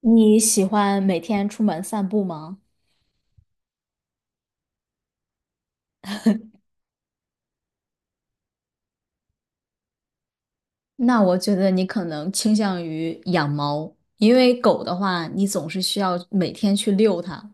你喜欢每天出门散步吗？那我觉得你可能倾向于养猫，因为狗的话，你总是需要每天去遛它。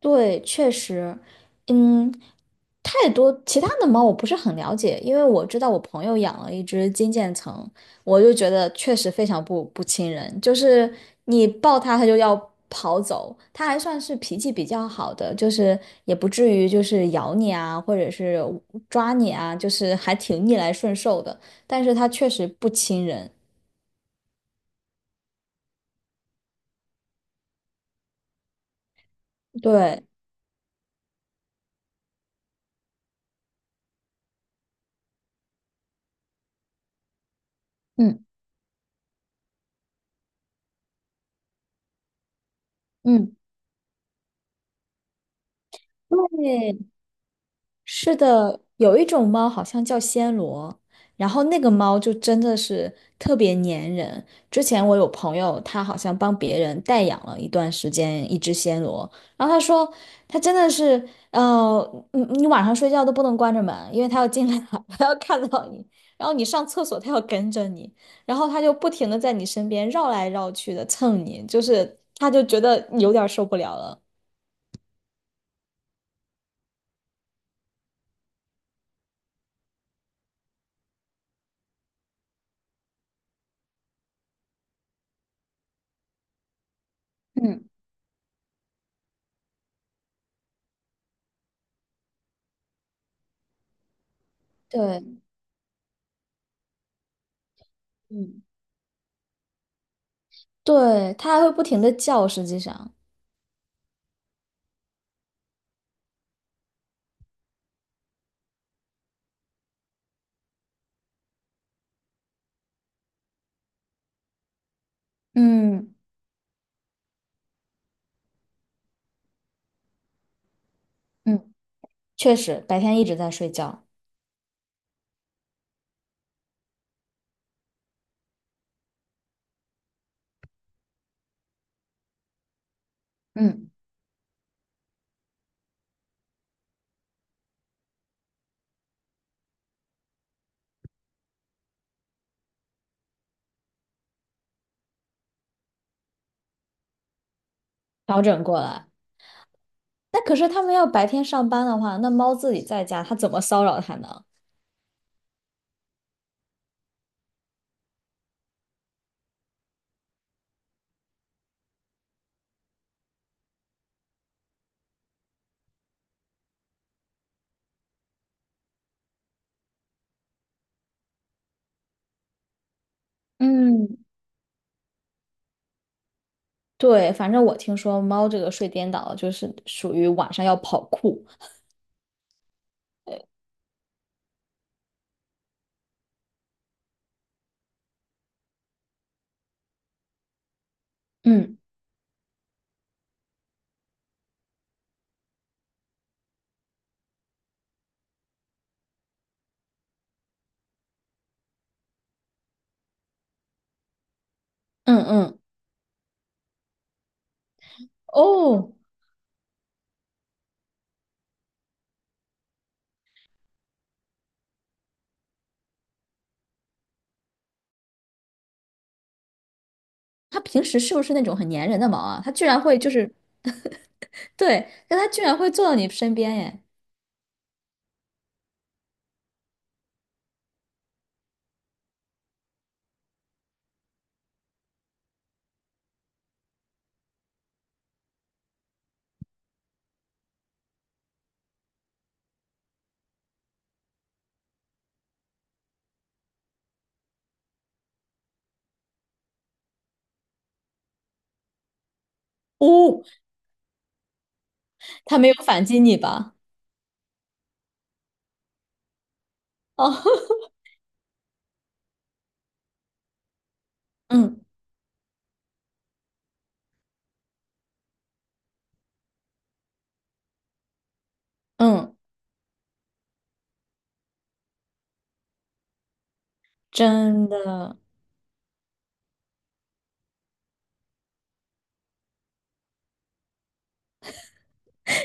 对，确实，嗯，太多其他的猫我不是很了解，因为我知道我朋友养了一只金渐层，我就觉得确实非常不亲人，就是你抱它它就要跑走，它还算是脾气比较好的，就是也不至于就是咬你啊，或者是抓你啊，就是还挺逆来顺受的，但是它确实不亲人。对，嗯嗯，对。是的，有一种猫好像叫暹罗，然后那个猫就真的是特别粘人。之前我有朋友，他好像帮别人代养了一段时间一只暹罗，然后他说他真的是，你晚上睡觉都不能关着门，因为它要进来，它要看到你，然后你上厕所它要跟着你，然后它就不停的在你身边绕来绕去的蹭你，就是他就觉得有点儿受不了了。嗯对。嗯。对，它还会不停的叫，实际上。嗯嗯，确实白天一直在睡觉。嗯，调整过来。那可是他们要白天上班的话，那猫自己在家，它怎么骚扰它呢？嗯对，反正我听说猫这个睡颠倒就是属于晚上要跑酷。嗯嗯嗯，哦，它平时是不是那种很粘人的猫啊？它居然会就是，对，但它居然会坐到你身边耶！哦，它没有反击你吧？哦，嗯嗯，真的。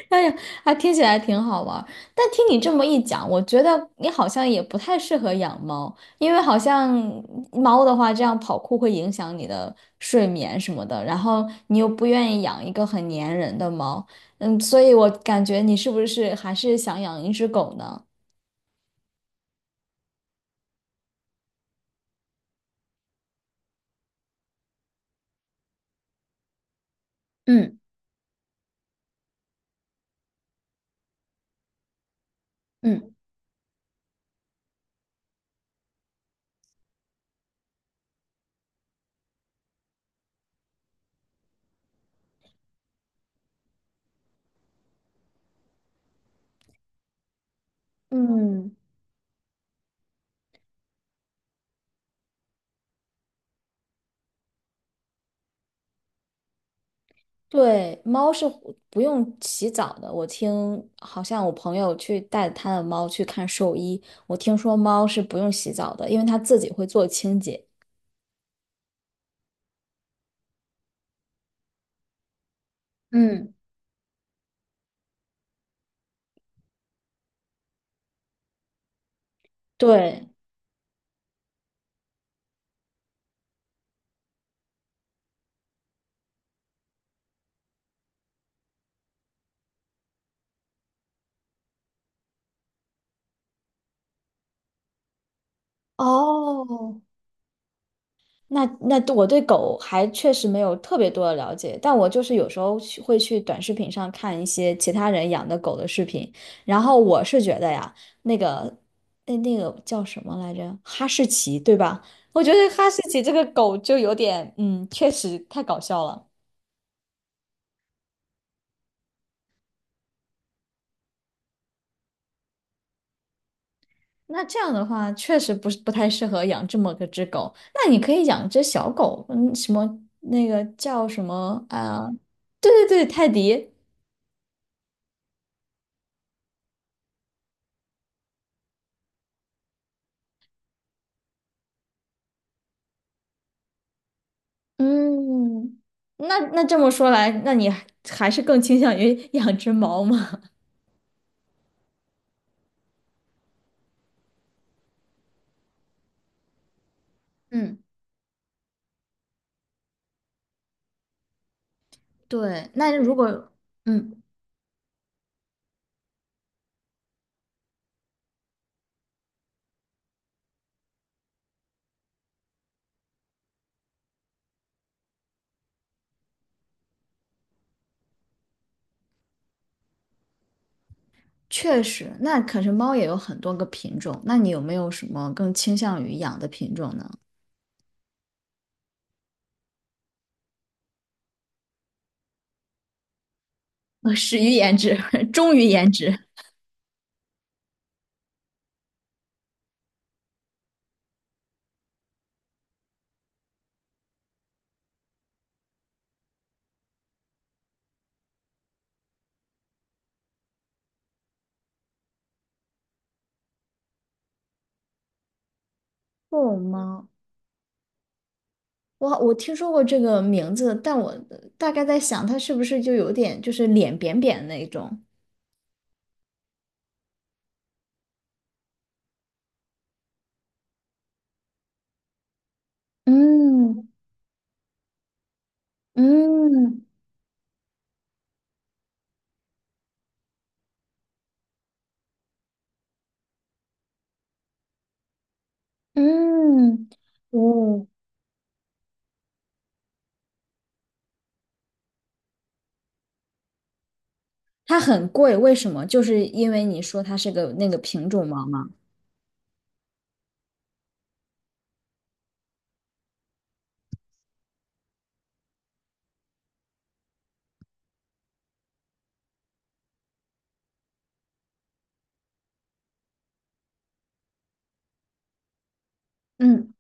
哎呀，还听起来挺好玩儿。但听你这么一讲，我觉得你好像也不太适合养猫，因为好像猫的话，这样跑酷会影响你的睡眠什么的，然后你又不愿意养一个很粘人的猫。嗯，所以我感觉你是不是还是想养一只狗呢？嗯嗯。嗯。对，猫是不用洗澡的。我听好像我朋友去带他的猫去看兽医，我听说猫是不用洗澡的，因为它自己会做清洁。嗯，对，哦，那我对狗还确实没有特别多的了解，但我就是有时候去会去短视频上看一些其他人养的狗的视频，然后我是觉得呀，那个那个叫什么来着，哈士奇对吧？我觉得哈士奇这个狗就有点，确实太搞笑了。那这样的话，确实不是不太适合养这么个只狗。那你可以养只小狗，嗯，什么那个叫什么啊？对对对，泰迪。嗯，那这么说来，那你还是更倾向于 养只猫吗？嗯，对。那如果嗯，确实，那可是猫也有很多个品种，那你有没有什么更倾向于养的品种呢？始于颜值，忠于颜值。布偶猫，我听说过这个名字，但我大概在想，它是不是就有点就是脸扁扁那种？嗯嗯嗯，哦，它很贵，为什么？就是因为你说它是个那个品种猫吗？嗯，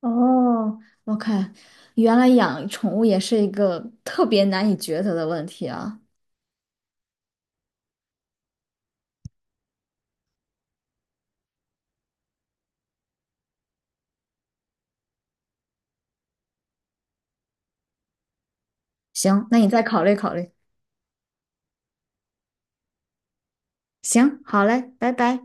哦，我看，原来养宠物也是一个特别难以抉择的问题啊。行，那你再考虑考虑。行，好嘞，拜拜。